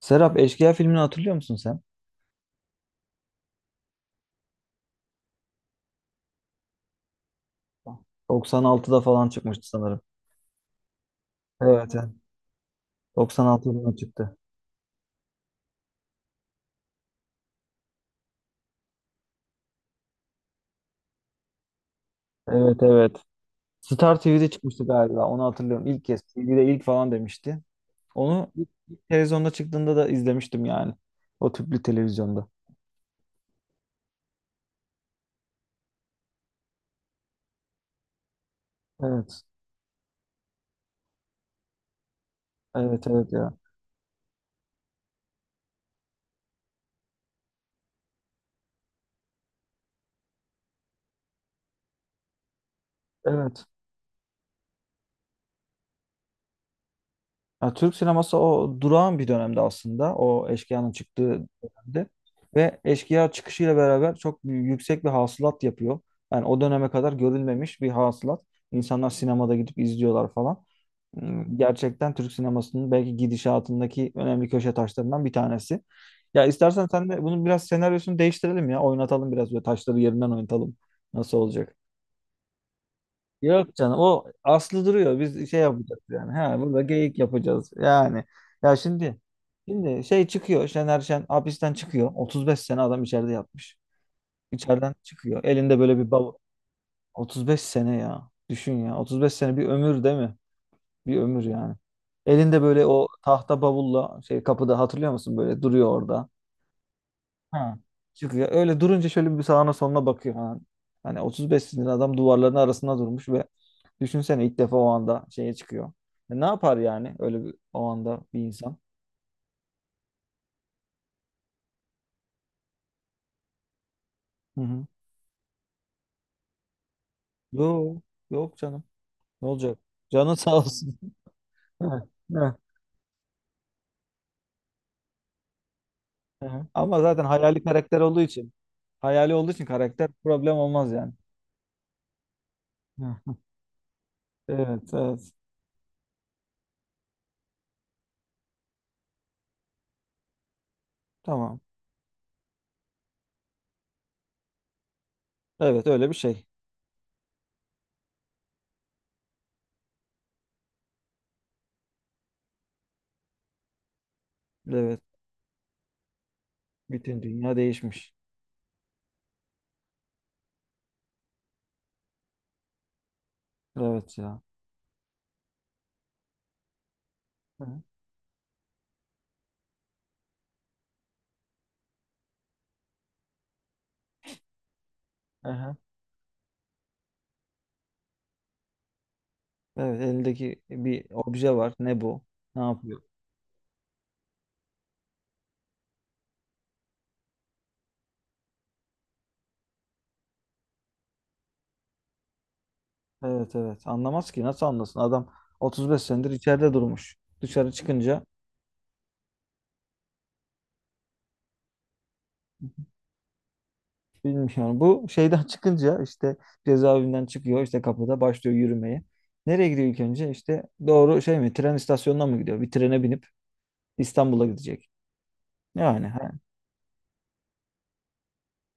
Serap Eşkıya filmini hatırlıyor musun sen? 96'da falan çıkmıştı sanırım. Evet, evet. 96 yılında çıktı. Evet evet. Star TV'de çıkmıştı galiba. Onu hatırlıyorum. İlk kez. TV'de ilk falan demişti. Onu ilk televizyonda çıktığında da izlemiştim yani. O tüplü televizyonda. Evet. Evet evet ya. Evet. Ya Türk sineması o durağan bir dönemde aslında. O Eşkıya'nın çıktığı dönemde. Ve Eşkıya çıkışıyla beraber yüksek bir hasılat yapıyor. Yani o döneme kadar görülmemiş bir hasılat. İnsanlar sinemada gidip izliyorlar falan. Gerçekten Türk sinemasının belki gidişatındaki önemli köşe taşlarından bir tanesi. Ya istersen sen de bunun biraz senaryosunu değiştirelim ya. Oynatalım biraz böyle taşları yerinden oynatalım. Nasıl olacak? Yok canım o aslı duruyor. Biz şey yapacağız yani. Ha, burada geyik yapacağız. Yani ya şimdi şey çıkıyor. Şener Şen hapisten çıkıyor. 35 sene adam içeride yatmış. İçeriden çıkıyor. Elinde böyle bir bavul. 35 sene ya. Düşün ya. 35 sene bir ömür değil mi? Bir ömür yani. Elinde böyle o tahta bavulla şey kapıda hatırlıyor musun? Böyle duruyor orada. Ha. Çıkıyor. Öyle durunca şöyle bir sağına soluna bakıyor falan. Hani 35 sinirli adam duvarların arasında durmuş ve düşünsene ilk defa o anda şeye çıkıyor. E ne yapar yani öyle bir, o anda bir insan? Hı hı. Yok, yok canım. Ne olacak? Canın sağ olsun. Evet, evet. Hı hı. Ama zaten hayali karakter olduğu için, hayali olduğu için karakter problem olmaz yani. Hı. Evet, evet. Tamam. Evet, öyle bir şey. Evet. Bütün dünya değişmiş. Evet ya. Hı hı. Evet elindeki bir obje var. Ne bu? Ne yapıyor? Evet evet. Anlamaz ki. Nasıl anlasın? Adam 35 senedir içeride durmuş. Dışarı çıkınca bilmiyorum. Bu şeyden çıkınca işte cezaevinden çıkıyor. İşte kapıda başlıyor yürümeye. Nereye gidiyor ilk önce? İşte doğru şey mi? Tren istasyonuna mı gidiyor? Bir trene binip İstanbul'a gidecek. Yani ha.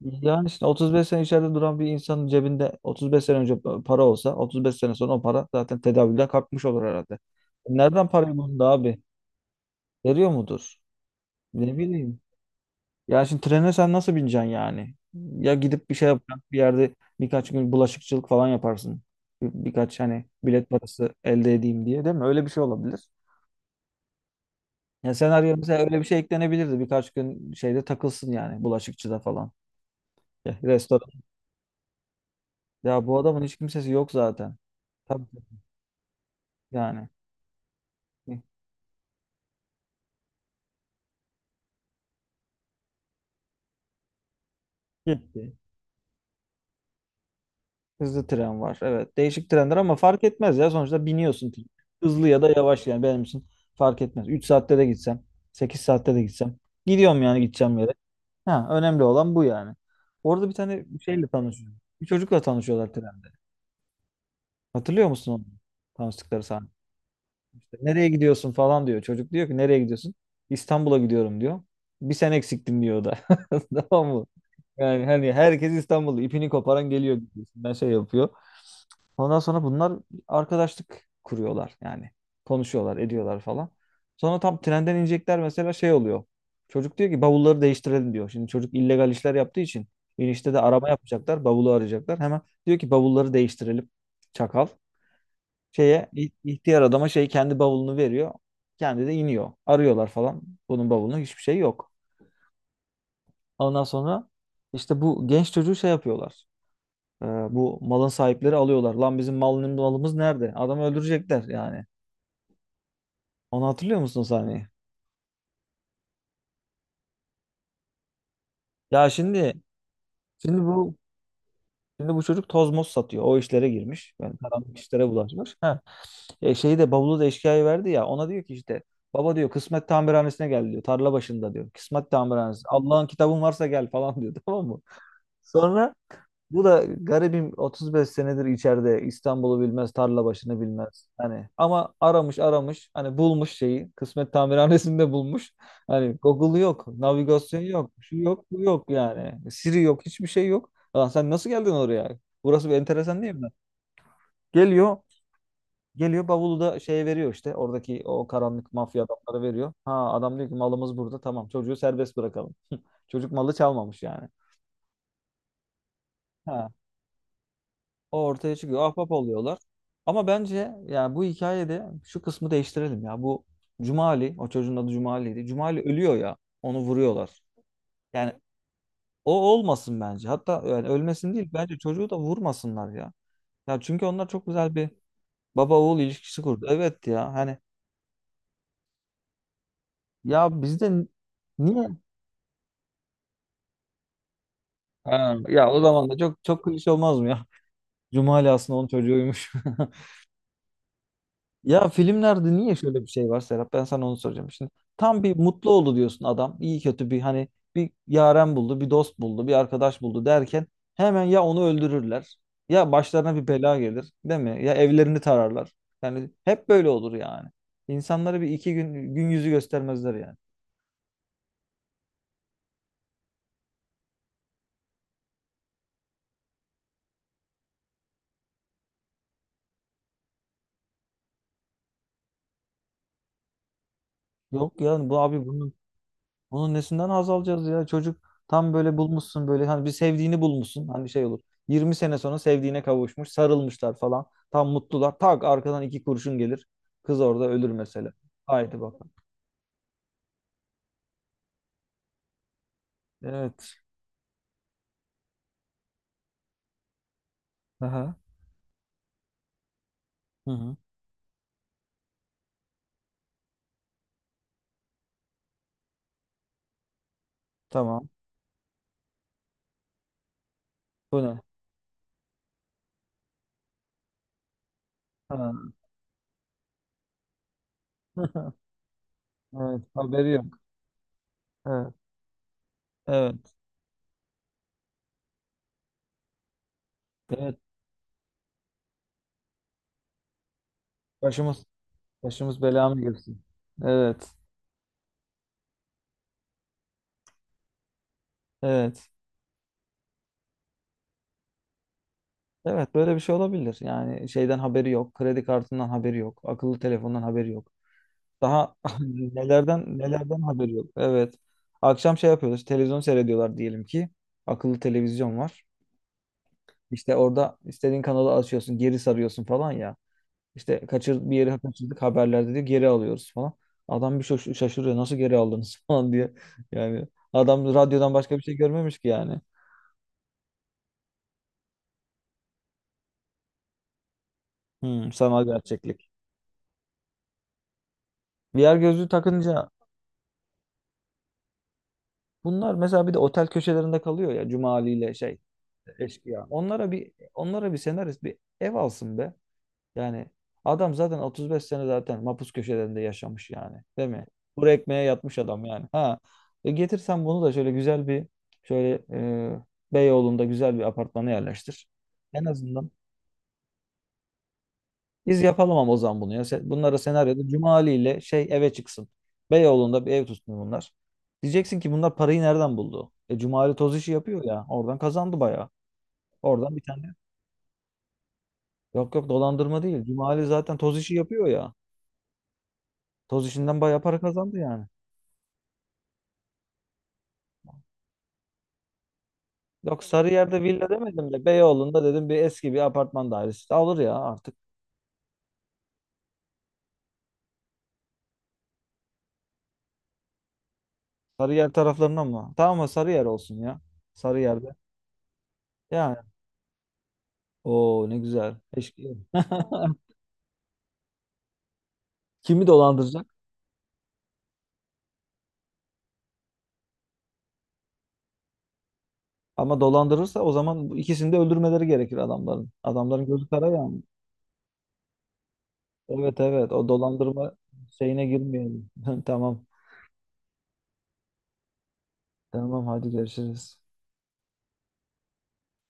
Yani işte 35 sene içeride duran bir insanın cebinde 35 sene önce para olsa 35 sene sonra o para zaten tedavülden kalkmış olur herhalde. Nereden parayı buldu abi? Veriyor mudur? Ne bileyim. Ya şimdi trene sen nasıl bineceksin yani? Ya gidip bir şey yapacaksın. Bir yerde birkaç gün bulaşıkçılık falan yaparsın. Birkaç hani bilet parası elde edeyim diye değil mi? Öyle bir şey olabilir. Ya senaryo mesela öyle bir şey eklenebilirdi. Birkaç gün şeyde takılsın yani bulaşıkçıda falan. Ya, restoran. Ya bu adamın hiç kimsesi yok zaten. Tabii yani. Gitti. Hızlı tren var. Evet. Değişik trenler ama fark etmez ya. Sonuçta biniyorsun. Tren. Hızlı ya da yavaş yani benim için fark etmez. 3 saatte de gitsem, 8 saatte de gitsem. Gidiyorum yani gideceğim yere. Ha, önemli olan bu yani. Orada bir tane şeyle tanışıyorum. Bir çocukla tanışıyorlar trende. Hatırlıyor musun onu? Tanıştıkları sahne. İşte, nereye gidiyorsun falan diyor. Çocuk diyor ki nereye gidiyorsun? İstanbul'a gidiyorum diyor. Bir sen eksiktin diyor o da. Tamam mı? Yani hani herkes İstanbul'da ipini koparan geliyor. Diyorsun. Ben şey yapıyor. Ondan sonra bunlar arkadaşlık kuruyorlar yani. Konuşuyorlar, ediyorlar falan. Sonra tam trenden inecekler mesela şey oluyor. Çocuk diyor ki bavulları değiştirelim diyor. Şimdi çocuk illegal işler yaptığı için inişte de arama yapacaklar, bavulu arayacaklar. Hemen diyor ki bavulları değiştirelim. Çakal ihtiyar adama şey kendi bavulunu veriyor. Kendi de iniyor. Arıyorlar falan. Bunun bavulunda hiçbir şey yok. Ondan sonra işte bu genç çocuğu şey yapıyorlar. Bu malın sahipleri alıyorlar. Lan bizim malımız nerede? Adamı öldürecekler yani. Onu hatırlıyor musun o sahneyi? Ya şimdi şimdi bu bu çocuk tozmos satıyor. O işlere girmiş. Yani karanlık işlere bulaşmış. Ha. Şeyi de bavulu da eşkıya verdi ya. Ona diyor ki işte baba diyor kısmet tamirhanesine gel diyor. Tarla başında diyor. Kısmet tamirhanesi. Allah'ın kitabın varsa gel falan diyor. Tamam mı? Sonra bu da garibim 35 senedir içeride İstanbul'u bilmez, tarla başını bilmez. Hani ama aramış aramış hani bulmuş şeyi. Kısmet tamirhanesinde bulmuş. Hani Google yok, navigasyon yok, şu yok, bu yok yani. Siri yok, hiçbir şey yok. Lan sen nasıl geldin oraya? Burası bir enteresan değil mi? Geliyor, geliyor bavulu da şeye veriyor işte. Oradaki o karanlık mafya adamları veriyor. Ha adam diyor ki malımız burada tamam çocuğu serbest bırakalım. Çocuk malı çalmamış yani. Ha. O ortaya çıkıyor. Ahbap oluyorlar. Ama bence yani bu hikayede şu kısmı değiştirelim ya. Bu Cumali, o çocuğun adı Cumali'ydi. Cumali ölüyor ya. Onu vuruyorlar. Yani o olmasın bence. Hatta yani ölmesin değil. Bence çocuğu da vurmasınlar ya. Ya çünkü onlar çok güzel bir baba oğul ilişkisi kurdu. Evet ya. Hani ya bizde n- niye? Ha, ya o zaman da çok çok klişe olmaz mı ya? Cumali aslında onun çocuğuymuş. Ya filmlerde niye şöyle bir şey var Serap? Ben sana onu soracağım. Şimdi tam bir mutlu oldu diyorsun adam. İyi kötü bir hani bir yaren buldu, bir dost buldu, bir arkadaş buldu derken hemen ya onu öldürürler ya başlarına bir bela gelir, değil mi? Ya evlerini tararlar. Yani hep böyle olur yani. İnsanlara bir iki gün gün yüzü göstermezler yani. Yok ya bu abi bunun nesinden haz alacağız ya? Çocuk tam böyle bulmuşsun böyle hani bir sevdiğini bulmuşsun. Hani şey olur. 20 sene sonra sevdiğine kavuşmuş, sarılmışlar falan. Tam mutlular. Tak arkadan 2 kurşun gelir. Kız orada ölür mesela. Haydi bakalım. Evet. Aha. Hı hı. Tamam. Bu ne? Ha. Evet, haberi yok. Evet. Evet. Evet. Başımız başımız bela mı girsin? Evet. Evet. Evet böyle bir şey olabilir. Yani şeyden haberi yok. Kredi kartından haberi yok. Akıllı telefondan haberi yok. Daha nelerden nelerden haberi yok. Evet. Akşam şey yapıyorlar. İşte televizyon seyrediyorlar diyelim ki. Akıllı televizyon var. İşte orada istediğin kanalı açıyorsun, geri sarıyorsun falan ya. İşte bir yeri kaçırdık haberlerde diyor geri alıyoruz falan. Adam bir şaşırıyor nasıl geri aldınız falan diye. Yani adam radyodan başka bir şey görmemiş ki yani. Sanal gerçeklik. VR gözlüğü takınca bunlar mesela bir de otel köşelerinde kalıyor ya Cuma Ali ile şey eşkıya. Onlara bir senarist bir ev alsın be. Yani adam zaten 35 sene zaten mapus köşelerinde yaşamış yani. Değil mi? Kuru ekmeğe yatmış adam yani. Ha. E getirsen bunu da şöyle güzel bir şöyle e, Beyoğlu'nda güzel bir apartmana yerleştir. En azından biz yapalım ama o zaman bunu ya. Bunlara senaryoda Cumali ile şey eve çıksın. Beyoğlu'nda bir ev tutsun bunlar. Diyeceksin ki bunlar parayı nereden buldu? E Cumali toz işi yapıyor ya. Oradan kazandı bayağı. Oradan bir tane. Yok yok dolandırma değil. Cumali zaten toz işi yapıyor ya. Toz işinden bayağı para kazandı yani. Yok Sarıyer'de villa demedim de Beyoğlu'nda dedim bir eski bir apartman dairesi. Alır ya artık. Sarıyer taraflarına mı? Tamam mı Sarıyer olsun ya. Sarıyer'de. Yani. Oo ne güzel. Keşke. Kimi dolandıracak? Ama dolandırırsa o zaman bu ikisini de öldürmeleri gerekir adamların. Adamların gözü kara yani. Evet evet o dolandırma şeyine girmeyelim. Tamam. Tamam hadi görüşürüz.